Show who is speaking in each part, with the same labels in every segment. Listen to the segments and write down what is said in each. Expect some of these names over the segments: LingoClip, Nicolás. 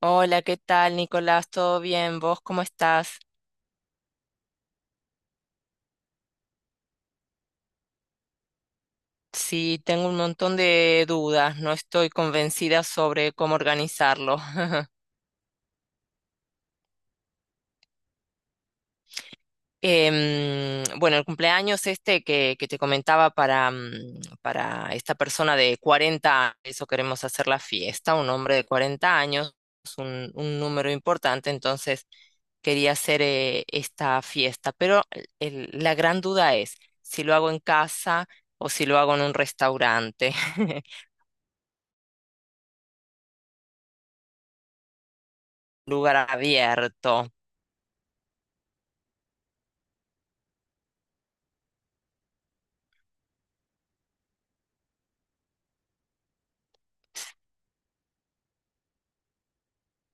Speaker 1: Hola, ¿qué tal, Nicolás? ¿Todo bien? ¿Vos cómo estás? Sí, tengo un montón de dudas, no estoy convencida sobre cómo organizarlo. Bueno, el cumpleaños este que te comentaba para esta persona de 40, eso queremos hacer la fiesta, un hombre de 40 años, es un número importante, entonces quería hacer esta fiesta, pero la gran duda es si lo hago en casa o si lo hago en un restaurante. Lugar abierto.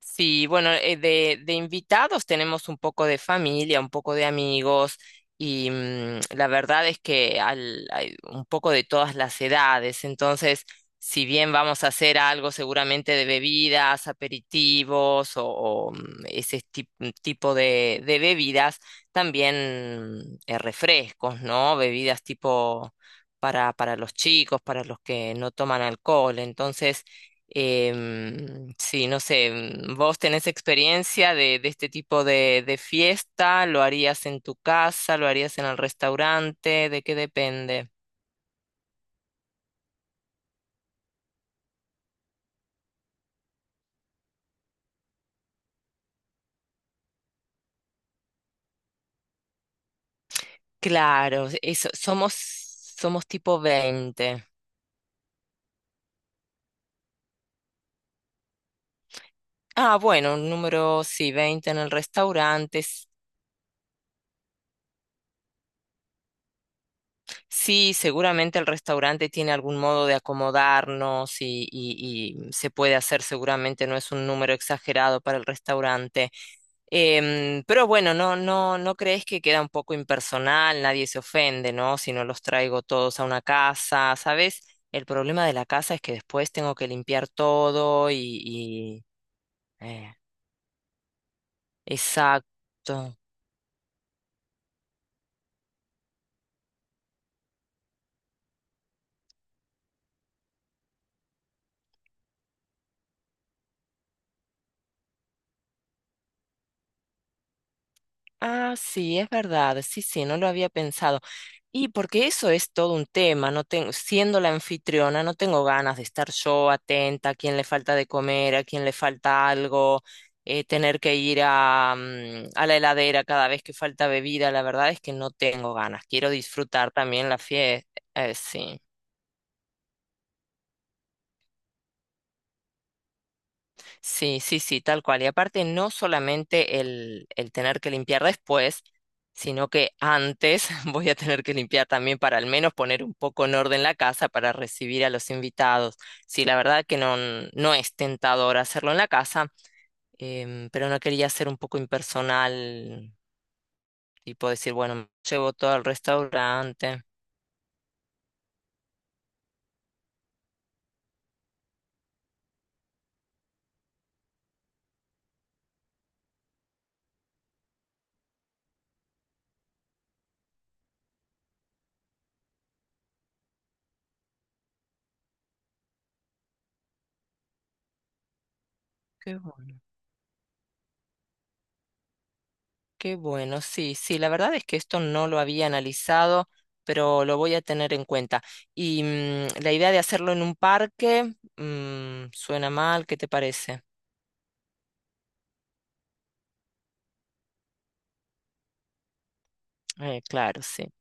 Speaker 1: Sí, bueno, de invitados tenemos un poco de familia, un poco de amigos y la verdad es que hay un poco de todas las edades. Entonces, si bien vamos a hacer algo seguramente de bebidas, aperitivos o tipo de bebidas, también refrescos, ¿no? Bebidas tipo para los chicos, para los que no toman alcohol. Entonces, sí, no sé, ¿vos tenés experiencia de este tipo de fiesta? ¿Lo harías en tu casa? ¿Lo harías en el restaurante? ¿De qué depende? Claro, eso, somos tipo 20. Ah, bueno, un número, sí, 20. Sí, seguramente el restaurante tiene algún modo de acomodarnos y, y se puede hacer, seguramente no es un número exagerado para el restaurante. Pero bueno, no crees que queda un poco impersonal, nadie se ofende, ¿no? Si no los traigo todos a una casa, ¿sabes? El problema de la casa es que después tengo que limpiar todo y, eh, exacto. Ah, sí, es verdad, sí, sí, no lo había pensado. Y porque eso es todo un tema, no tengo, siendo la anfitriona, no tengo ganas de estar yo atenta a quién le falta de comer, a quién le falta algo, tener que ir a la heladera cada vez que falta bebida, la verdad es que no tengo ganas, quiero disfrutar también la fiesta. Sí, sí, sí, tal cual. Y aparte, no solamente el tener que limpiar después, sino que antes voy a tener que limpiar también para al menos poner un poco en orden la casa para recibir a los invitados. Sí, la verdad que no, no es tentador hacerlo en la casa, pero no quería ser un poco impersonal, tipo decir, bueno, llevo todo al restaurante. Qué bueno. Qué bueno, sí, sí, la verdad es que esto no lo había analizado, pero lo voy a tener en cuenta. Y la idea de hacerlo en un parque, suena mal, ¿qué te parece? Claro, sí.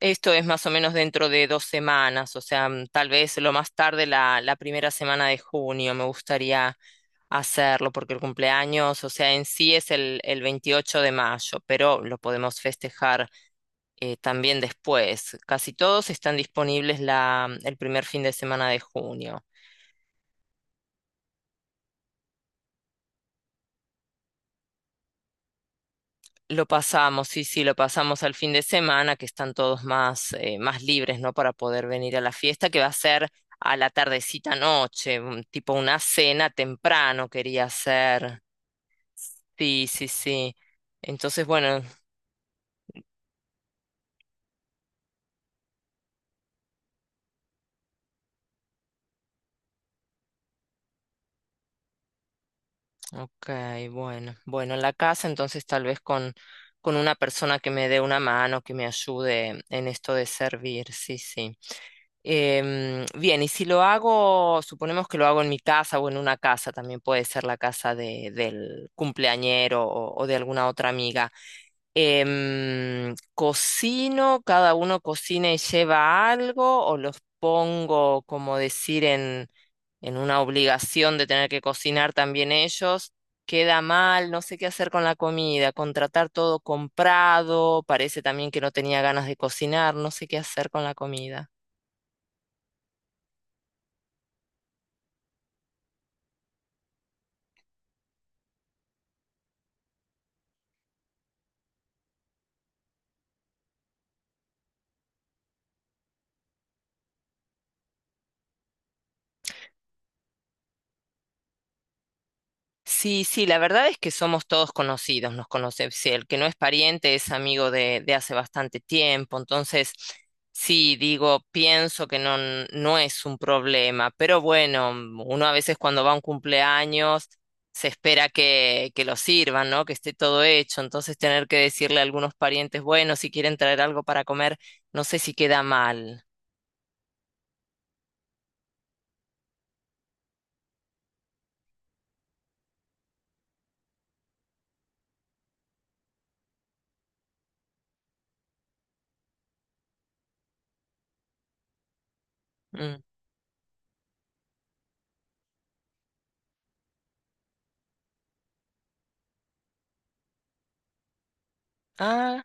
Speaker 1: Esto es más o menos dentro de 2 semanas, o sea, tal vez lo más tarde la, la primera semana de junio me gustaría hacerlo, porque el cumpleaños, o sea, en sí es el 28 de mayo, pero lo podemos festejar también después. Casi todos están disponibles el primer fin de semana de junio. Lo pasamos, sí, sí, lo pasamos al fin de semana, que están todos más, más libres, ¿no? Para poder venir a la fiesta, que va a ser a la tardecita noche, tipo una cena temprano quería hacer. Sí, sí, sí. Entonces, bueno, ok, bueno, bueno, en la casa entonces tal vez con una persona que me dé una mano, que me ayude en esto de servir, sí, sí. Bien, y si lo hago, suponemos que lo hago en mi casa o en una casa, también puede ser la casa de, del cumpleañero o de alguna otra amiga. Cocino, cada uno cocina y lleva algo, o los pongo, como decir, en una obligación de tener que cocinar también ellos. Queda mal, no sé qué hacer con la comida, contratar todo comprado, parece también que no tenía ganas de cocinar, no sé qué hacer con la comida. Sí, sí, la verdad es que somos todos conocidos, nos conocemos. Sí, el que no es pariente es amigo de hace bastante tiempo. Entonces, sí, digo, pienso que no, no es un problema. Pero bueno, uno a veces cuando va a un cumpleaños se espera que lo sirvan, ¿no? Que esté todo hecho. Entonces, tener que decirle a algunos parientes, bueno, si quieren traer algo para comer, no sé si queda mal. Mm. Ah,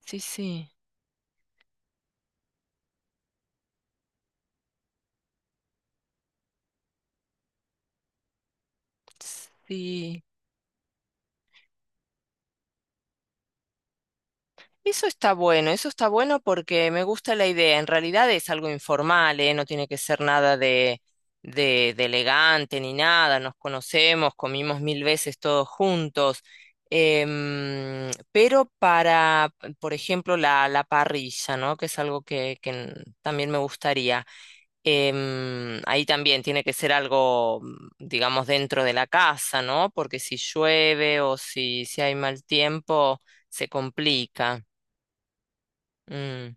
Speaker 1: sí, sí. Sí. Eso está bueno porque me gusta la idea. En realidad es algo informal, ¿eh? No tiene que ser nada de elegante ni nada. Nos conocemos, comimos 1000 veces todos juntos. Pero para, por ejemplo, la parrilla, ¿no? Que es algo que también me gustaría. Ahí también tiene que ser algo, digamos, dentro de la casa, ¿no? Porque si llueve o si, si hay mal tiempo, se complica. Mm,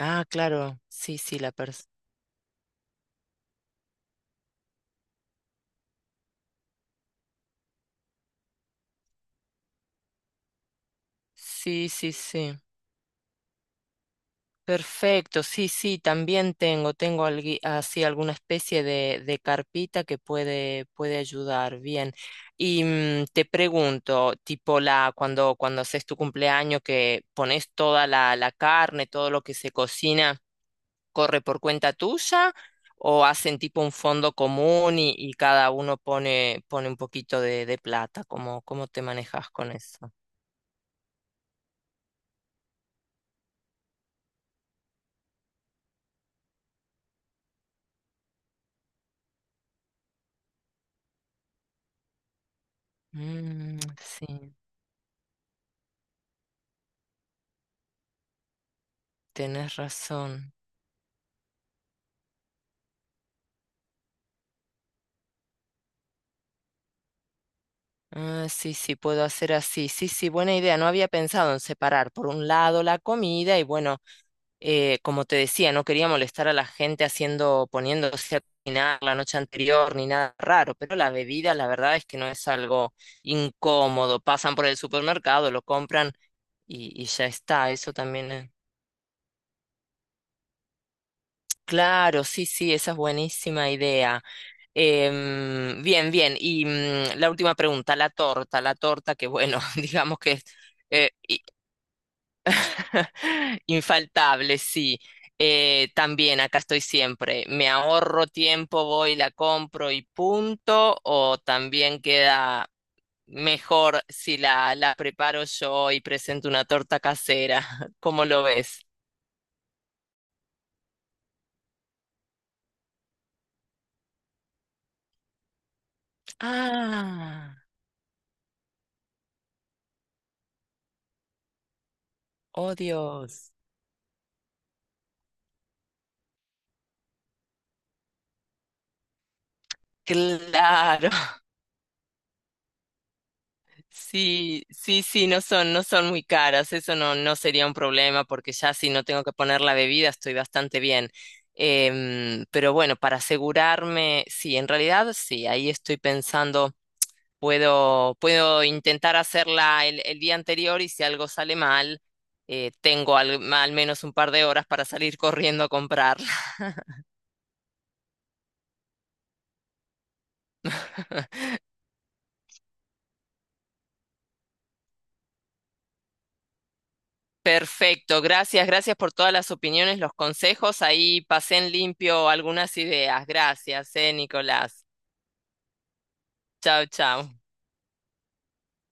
Speaker 1: Ah, claro, sí, sí, la pers sí, sí, sí. Perfecto, sí, sí, también tengo, así alguna especie de carpita que puede, puede ayudar, bien. Y te pregunto, tipo la, cuando haces tu cumpleaños, que pones toda la, la carne, todo lo que se cocina, ¿corre por cuenta tuya? ¿O hacen tipo un fondo común y cada uno pone, pone un poquito de plata? ¿Cómo, cómo te manejas con eso? Sí, tenés razón. Ah, sí, sí, puedo hacer así. Sí, sí, buena idea. No había pensado en separar por un lado la comida y bueno, como te decía, no quería molestar a la gente haciendo, poniéndose a cocinar la noche anterior ni nada raro, pero la bebida, la verdad es que no es algo incómodo. Pasan por el supermercado, lo compran y ya está. Eso también es... Claro, sí, sí, esa es buenísima idea. Bien, bien. Y la última pregunta, la torta, que bueno, digamos que es eh, i- infaltable, sí. También acá estoy siempre. ¿Me ahorro tiempo, voy, la compro y punto? ¿O también queda mejor si la, la preparo yo y presento una torta casera? ¿Cómo lo ves? Ah, oh Dios. Claro. Sí, sí, sí, no son, no son muy caras, eso no, no sería un problema porque ya si no tengo que poner la bebida estoy bastante bien. Pero bueno, para asegurarme, sí, en realidad sí, ahí estoy pensando, puedo, puedo intentar hacerla el día anterior y si algo sale mal, tengo al, al menos un par de horas para salir corriendo a comprarla. Perfecto, gracias, gracias por todas las opiniones, los consejos. Ahí pasé en limpio algunas ideas. Gracias, Nicolás. Chao, chao.